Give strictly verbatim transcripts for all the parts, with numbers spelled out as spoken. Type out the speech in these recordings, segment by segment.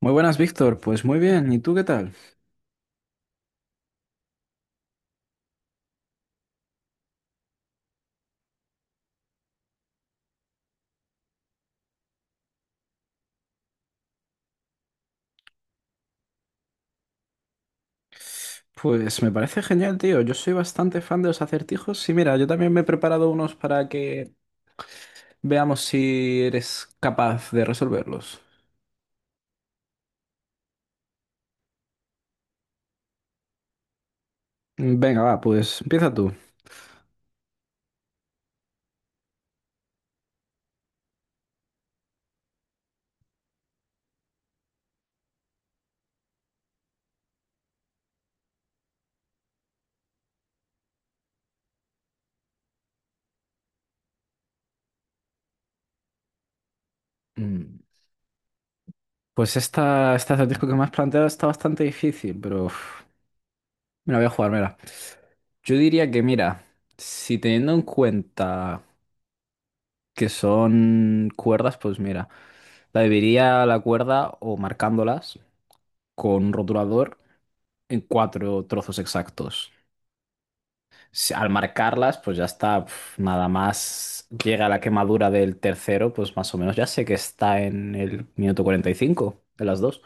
Muy buenas, Víctor. Pues muy bien. ¿Y tú qué tal? Pues me parece genial, tío. Yo soy bastante fan de los acertijos y mira, yo también me he preparado unos para que veamos si eres capaz de resolverlos. Mm, Venga, va, pues empieza tú. Mm, Pues esta, este acertijo que me has planteado está bastante difícil, pero uf, me la voy a jugar, mira. Yo diría que, mira, si teniendo en cuenta que son cuerdas, pues mira, la dividiría la cuerda o marcándolas con un rotulador en cuatro trozos exactos. Si- Al marcarlas, pues ya está, pf, nada más llega la quemadura del tercero, pues más o menos ya sé que está en el minuto cuarenta y cinco de las dos.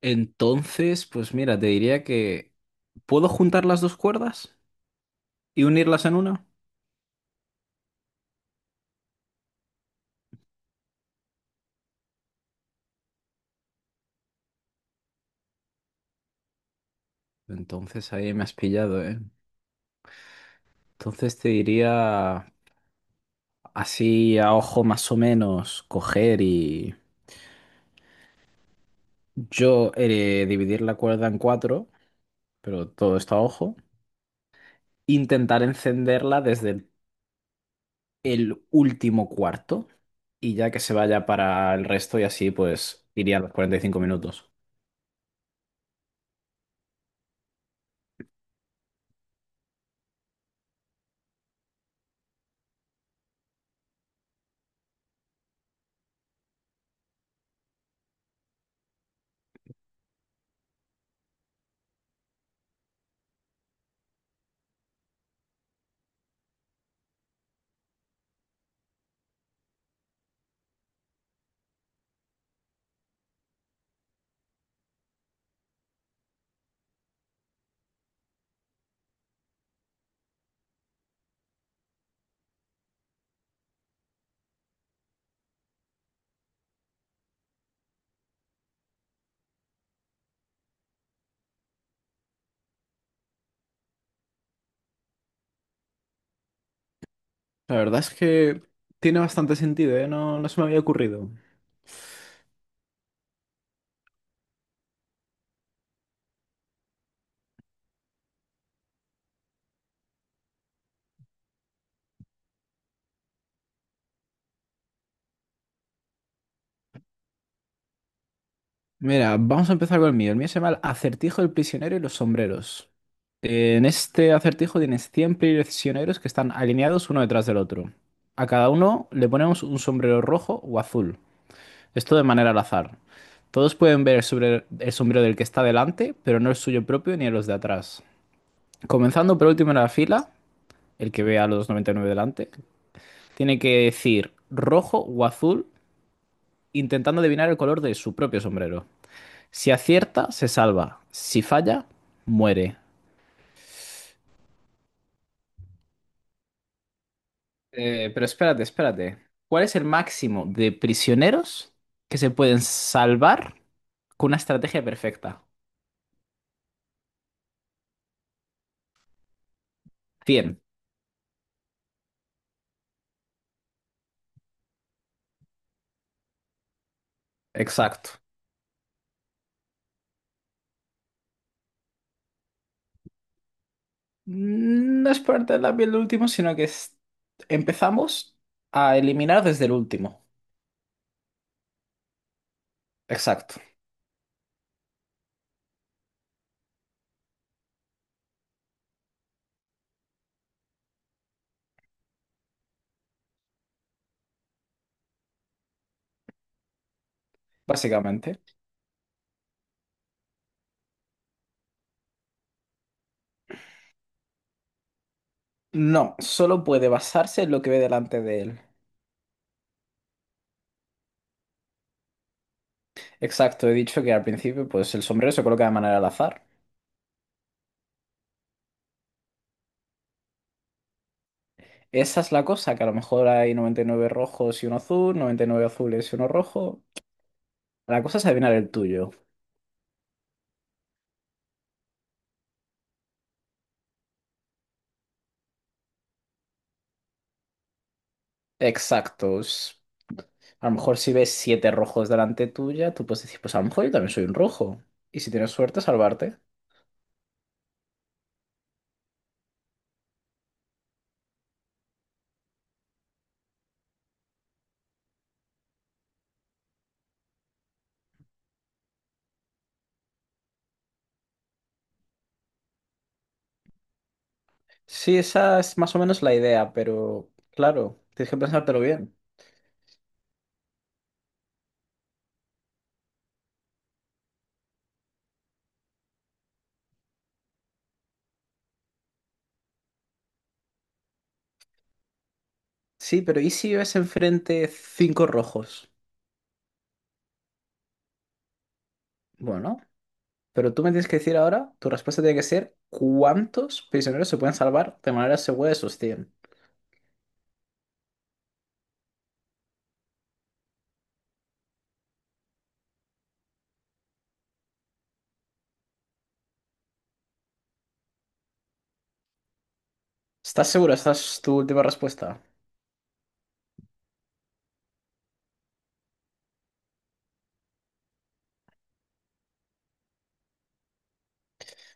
Entonces, pues mira, te diría que puedo juntar las dos cuerdas y unirlas en una. Entonces ahí me has pillado, ¿eh? Entonces te diría así a ojo más o menos coger y yo eh, dividir la cuerda en cuatro, pero todo está a ojo. Intentar encenderla desde el el último cuarto y ya que se vaya para el resto y así pues iría a los cuarenta y cinco minutos. La verdad es que tiene bastante sentido, ¿eh? No, no se me había ocurrido. Mira, vamos a empezar con el mío. El mío se llama el acertijo del prisionero y los sombreros. En este acertijo tienes cien prisioneros que están alineados uno detrás del otro. A cada uno le ponemos un sombrero rojo o azul. Esto de manera al azar. Todos pueden ver el, sobre- el sombrero del que está delante, pero no el suyo propio ni los de atrás. Comenzando por último en la fila, el que ve a los noventa y nueve delante, tiene que decir rojo o azul, intentando adivinar el color de su propio sombrero. Si acierta, se salva. Si falla, muere. Eh, pero espérate, espérate. ¿Cuál es el máximo de prisioneros que se pueden salvar con una estrategia perfecta? Cien. Exacto. No es por la piel del último, sino que es- empezamos a eliminar desde el último. Exacto, básicamente. No, solo puede basarse en lo que ve delante de él. Exacto, he dicho que al principio pues el sombrero se coloca de manera al azar. Esa es la cosa, que a lo mejor hay noventa y nueve rojos y uno azul, noventa y nueve azules y uno rojo. La cosa es adivinar el tuyo. Exacto. es- A lo mejor si ves siete rojos delante tuya, tú puedes decir, pues a lo mejor yo también soy un rojo. Y si tienes suerte, salvarte. Sí, esa es más o menos la idea, pero claro, tienes que pensártelo bien. Sí, pero ¿y si ves enfrente cinco rojos? Bueno, pero tú me tienes que decir ahora, tu respuesta tiene que ser, ¿cuántos prisioneros se pueden salvar de manera segura de esos cien? ¿Estás seguro? ¿Esta es tu última respuesta?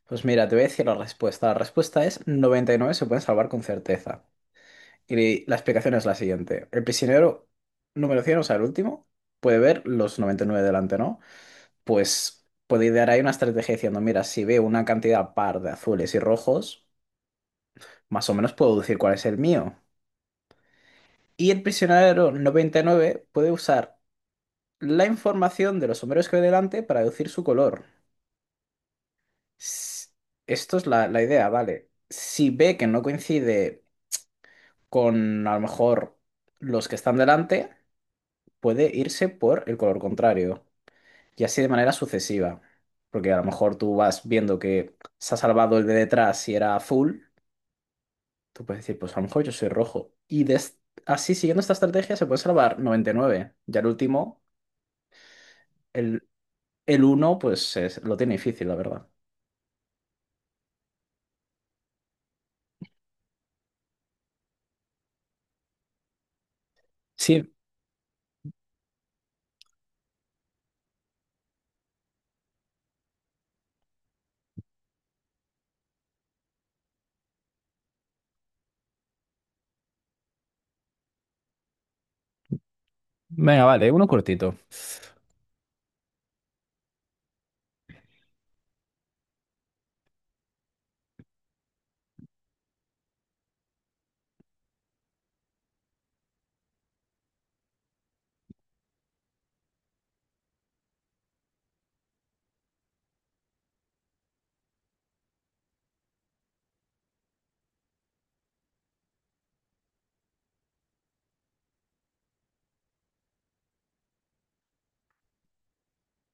Pues mira, te voy a decir la respuesta. La respuesta es noventa y nueve se pueden salvar con certeza. Y la explicación es la siguiente. El prisionero número cien, o sea, el último, puede ver los noventa y nueve delante, ¿no? Pues puedo idear ahí una estrategia diciendo, mira, si veo una cantidad par de azules y rojos, más o menos puedo deducir cuál es el mío. Y el prisionero noventa y nueve puede usar la información de los sombreros que ve delante para deducir su color. S- Esto es la, la idea, ¿vale? Si ve que no coincide con a lo mejor los que están delante, puede irse por el color contrario. Y así de manera sucesiva. Porque a lo mejor tú vas viendo que se ha salvado el de detrás y era azul. Tú puedes decir, pues a lo mejor yo soy rojo. Y des- así, siguiendo esta estrategia, se puede salvar noventa y nueve. Ya el último, el, el uno pues es- lo tiene difícil, la verdad. Sí, venga, vale, uno cortito.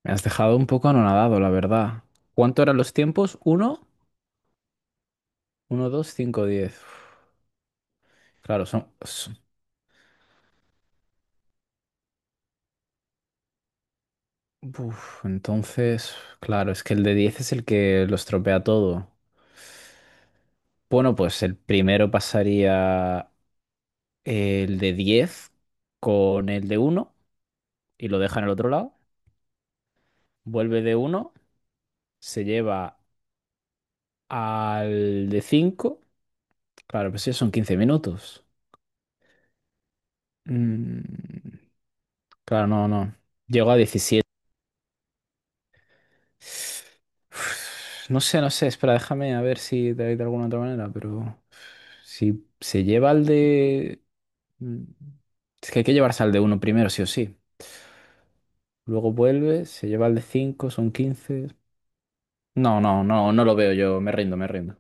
Me has dejado un poco anonadado, la verdad. ¿Cuánto eran los tiempos? ¿Uno? Uno, dos, cinco, diez. Uf, claro, son... son- uf, entonces, claro, es que el de diez es el que lo estropea todo. Bueno, pues el primero pasaría el de diez con el de uno y lo deja en el otro lado. Vuelve de uno, se lleva al de cinco. Claro, pues sí, son quince minutos. Mm, claro, no, no. Llegó a diecisiete. No sé, no sé, espera, déjame a ver si de, de alguna otra manera, pero si se lleva al de... mm, Es que hay que llevarse al de uno primero, sí o sí. Luego vuelve, se lleva al de cinco, son quince. No, no, no, no lo veo yo, me rindo, me rindo.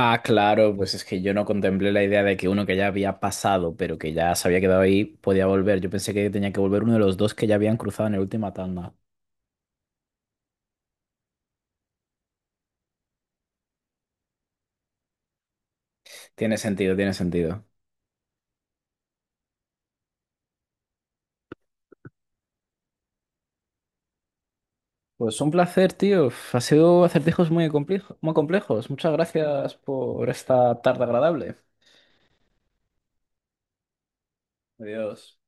Ah, claro, pues es que yo no contemplé la idea de que uno que ya había pasado, pero que ya se había quedado ahí, podía volver. Yo pensé que tenía que volver uno de los dos que ya habían cruzado en la última tanda. Tiene sentido, tiene sentido. Pues un placer, tío. Ha sido acertijos muy complejo- muy complejos. Muchas gracias por esta tarde agradable. Adiós.